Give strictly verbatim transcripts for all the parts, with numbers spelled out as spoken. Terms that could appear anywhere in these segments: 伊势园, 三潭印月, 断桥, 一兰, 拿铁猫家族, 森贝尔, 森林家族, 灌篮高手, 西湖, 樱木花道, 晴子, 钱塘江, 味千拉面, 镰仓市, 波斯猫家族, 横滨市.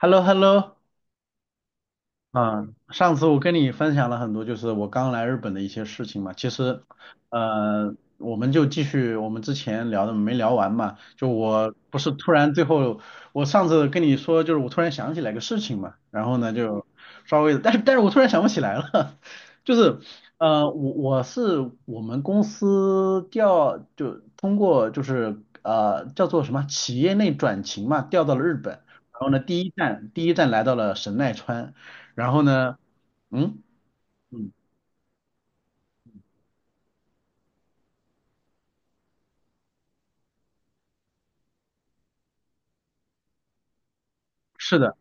h e l l o h e l l o 嗯，上次我跟你分享了很多，就是我刚来日本的一些事情嘛。其实，呃，我们就继续我们之前聊的没聊完嘛。就我不是突然最后，我上次跟你说，就是我突然想起来个事情嘛，然后呢就稍微，但是但是我突然想不起来了，就是呃，我我是我们公司调就通过就是呃叫做什么企业内转勤嘛，调到了日本，然后呢第一站第一站来到了神奈川。然后呢，嗯嗯，是的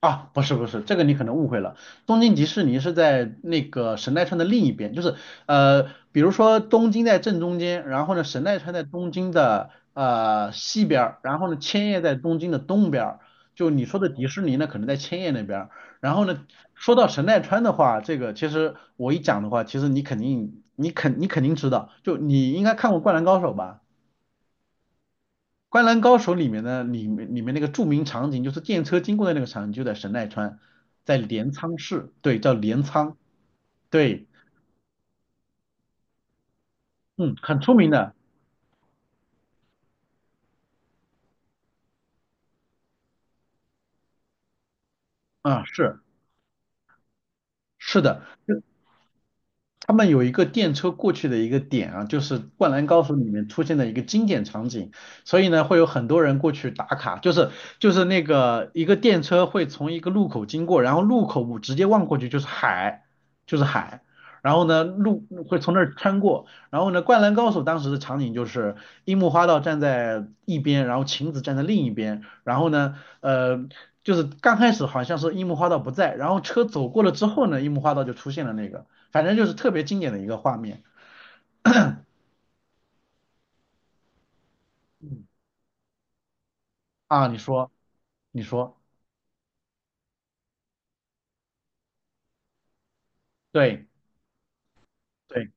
啊，不是不是，这个你可能误会了。东京迪士尼是在那个神奈川的另一边，就是呃，比如说东京在正中间，然后呢，神奈川在东京的呃西边儿然后呢，千叶在东京的东边儿就你说的迪士尼呢，可能在千叶那边儿然后呢，说到神奈川的话，这个其实我一讲的话，其实你肯定你肯你肯定知道，就你应该看过《灌篮高手》吧？《灌篮高手》里面的里面里面那个著名场景，就是电车经过的那个场景，就在神奈川，在镰仓市，对，叫镰仓，对，嗯，很出名的，啊，是是的，他们有一个电车过去的一个点啊，就是《灌篮高手》里面出现的一个经典场景，所以呢，会有很多人过去打卡，就是就是那个一个电车会从一个路口经过，然后路口直接望过去就是海，就是海，然后呢路会从那儿穿过，然后呢，《灌篮高手》当时的场景就是樱木花道站在一边，然后晴子站在另一边，然后呢，呃。就是刚开始好像是樱木花道不在，然后车走过了之后呢，樱木花道就出现了那个。反正就是特别经典的一个画面啊。你说，你说，对对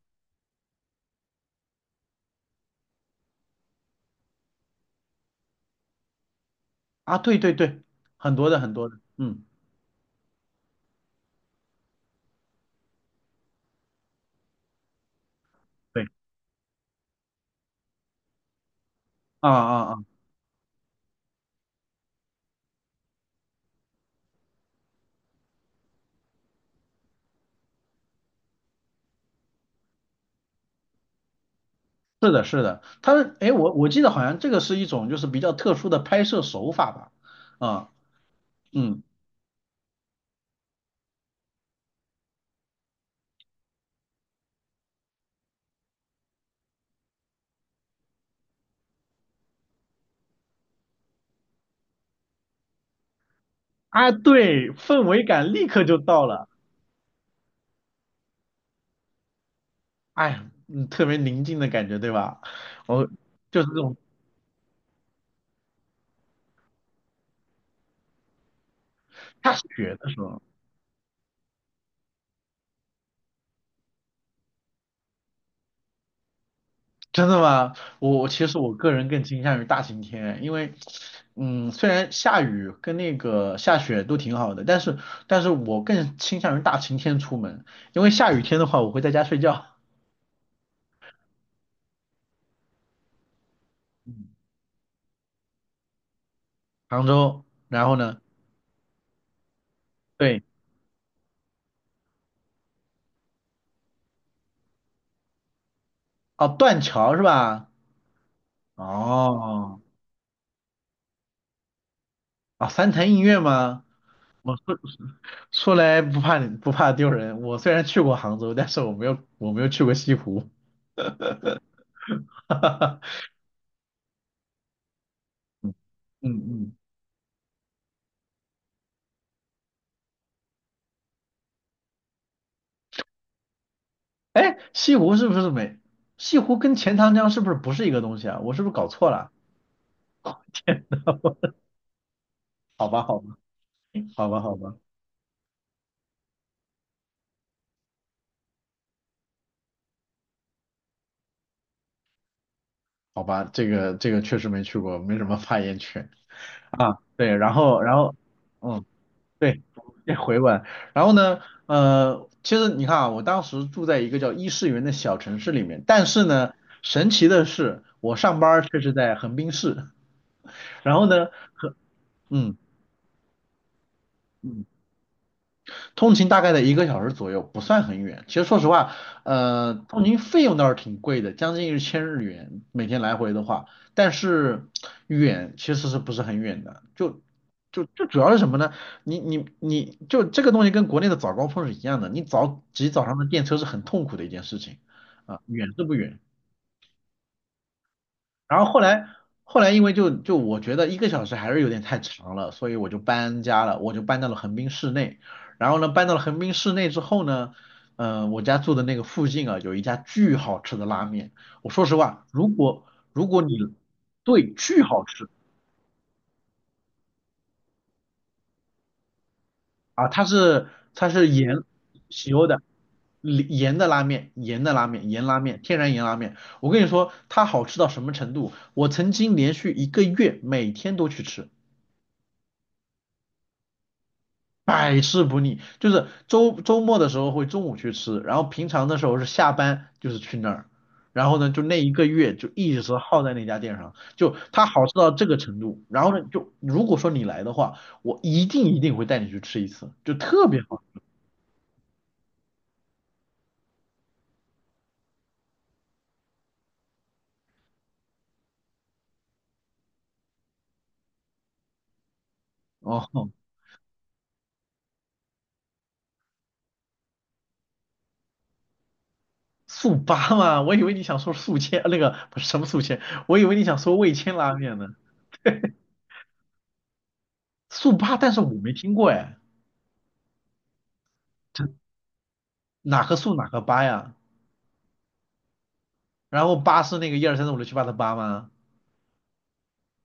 啊，对对对，很多的很多的，嗯，对啊啊啊，是的，是的。他们哎，我我记得好像这个是一种就是比较特殊的拍摄手法吧？啊，嗯啊，对，氛围感立刻就到了，哎，嗯，特别宁静的感觉，对吧？我就是这种下雪的时候。真的吗？我我其实我个人更倾向于大晴天，因为，嗯，虽然下雨跟那个下雪都挺好的，但是但是我更倾向于大晴天出门，因为下雨天的话我会在家睡觉。杭州，然后呢？对，哦，断桥是吧？哦，啊，三潭印月吗？我出来不怕你不怕丢人，我虽然去过杭州，但是我没有我没有去过西湖。嗯嗯。哎，西湖是不是没？西湖跟钱塘江是不是不是一个东西啊？我是不是搞错了？好吧，好吧，好吧，好吧，好吧，这个这个确实没去过，没什么发言权啊。对，然后然后，嗯，对，这回来。然后呢，呃，其实你看啊，我当时住在一个叫伊势园的小城市里面，但是呢，神奇的是，我上班儿却是在横滨市。然后呢，和嗯。嗯通勤大概在一个小时左右，不算很远。其实说实话，呃，通勤费用倒是挺贵的，将近一千日元，每天来回的话，但是远其实是不是很远的？就就就主要是什么呢？你你你就这个东西跟国内的早高峰是一样的，你早挤早上的电车是很痛苦的一件事情啊，远是不远？然后后来后来因为就就我觉得一个小时还是有点太长了，所以我就搬家了，我就搬到了横滨市内。然后呢，搬到了横滨市内之后呢，嗯、我家住的那个附近啊，有一家巨好吃的拉面。我说实话，如果如果你对巨好吃啊，它是它是盐喜优的。盐的拉面，盐的拉面，盐拉面，天然盐拉面。我跟你说，它好吃到什么程度？我曾经连续一个月每天都去吃。百试不腻，就是周周末的时候会中午去吃，然后平常的时候是下班就是去那儿，然后呢就那一个月就一直耗在那家店上，就它好吃到这个程度，然后呢就如果说你来的话，我一定一定会带你去吃一次，就特别好哦。速八嘛，我以为你想说宿迁，那个不是什么宿迁，我以为你想说味千拉面呢。速八，但是我没听过哎，这哪个速哪个八呀？然后八是那个一二三四五六七八的八吗？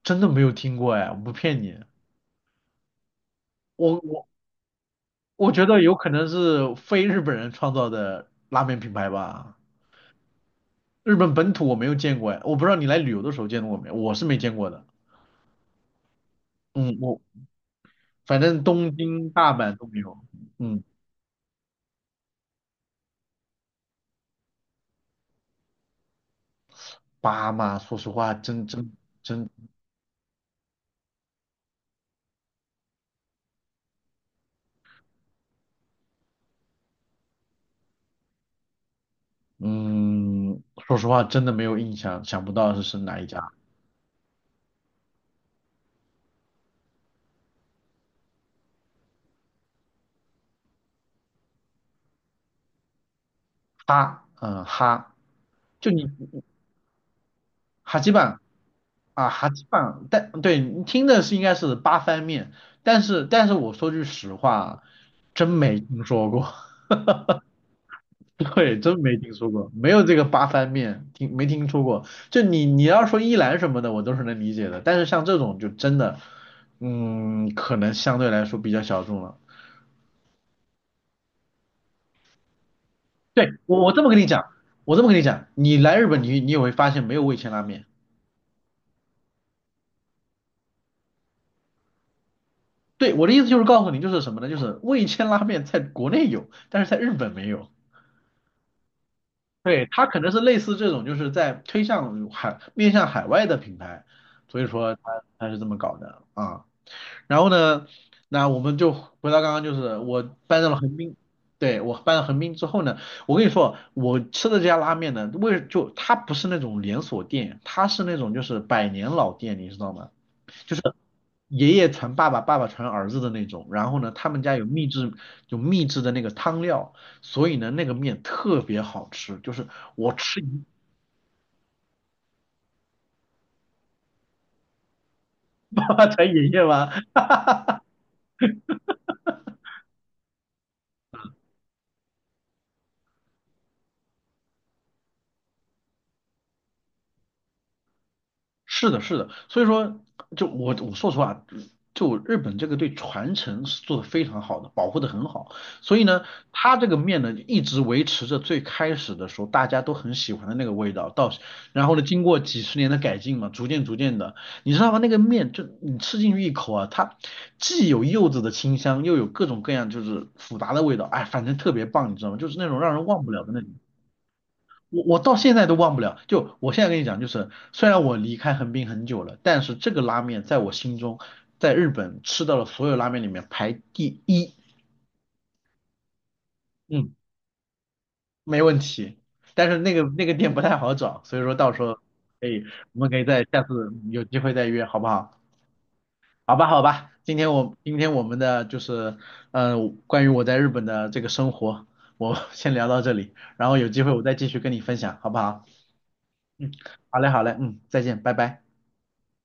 真的没有听过哎，我不骗你，我我我觉得有可能是非日本人创造的拉面品牌吧，日本本土我没有见过哎，我不知道你来旅游的时候见过没，我是没见过的。嗯，我反正东京、大阪都没有。嗯，巴嘛，说实话，真真，嗯，说实话真的没有印象，想不到是是哪一家。哈，嗯，哈，就你哈基板。啊，还基本上但对你听的是应该是八番面，但是但是我说句实话啊，真没听说过，对，真没听说过，没有这个八番面，听没听说过。就你你要说一兰什么的，我都是能理解的，但是像这种就真的，嗯，可能相对来说比较小众了。对，我我这么跟你讲，我这么跟你讲，你来日本你你也会发现没有味千拉面。对，我的意思就是告诉你，就是什么呢？就是味千拉面在国内有，但是在日本没有。对，它可能是类似这种，就是在推向海，面向海外的品牌，所以说它它是这么搞的啊。然后呢，那我们就回到刚刚，就是我搬到了横滨，对，我搬到横滨之后呢，我跟你说，我吃的这家拉面呢，为就它不是那种连锁店，它是那种就是百年老店，你知道吗？爷爷传爸爸，爸爸传儿子的那种。然后呢，他们家有秘制，有秘制的那个汤料，所以呢，那个面特别好吃，就是我吃一 才爷爷吗？是的，是的，所以说，就我我说实话，就日本这个对传承是做的非常好的，保护的很好，所以呢，它这个面呢一直维持着最开始的时候大家都很喜欢的那个味道，到然后呢，经过几十年的改进嘛，逐渐逐渐的，你知道吗？那个面就你吃进去一口啊，它既有柚子的清香，又有各种各样就是复杂的味道，哎，反正特别棒，你知道吗？就是那种让人忘不了的那种。我我到现在都忘不了，就我现在跟你讲，就是虽然我离开横滨很久了，但是这个拉面在我心中，在日本吃到了所有拉面里面排第一，嗯，没问题。但是那个那个店不太好找，所以说到时候可以，我们可以再下次有机会再约，好不好？好吧，好吧，今天我今天我们的就是，嗯，关于我在日本的这个生活，我 先聊到这里，然后有机会我再继续跟你分享，好不好？嗯，好嘞，好嘞，嗯，再见，拜拜。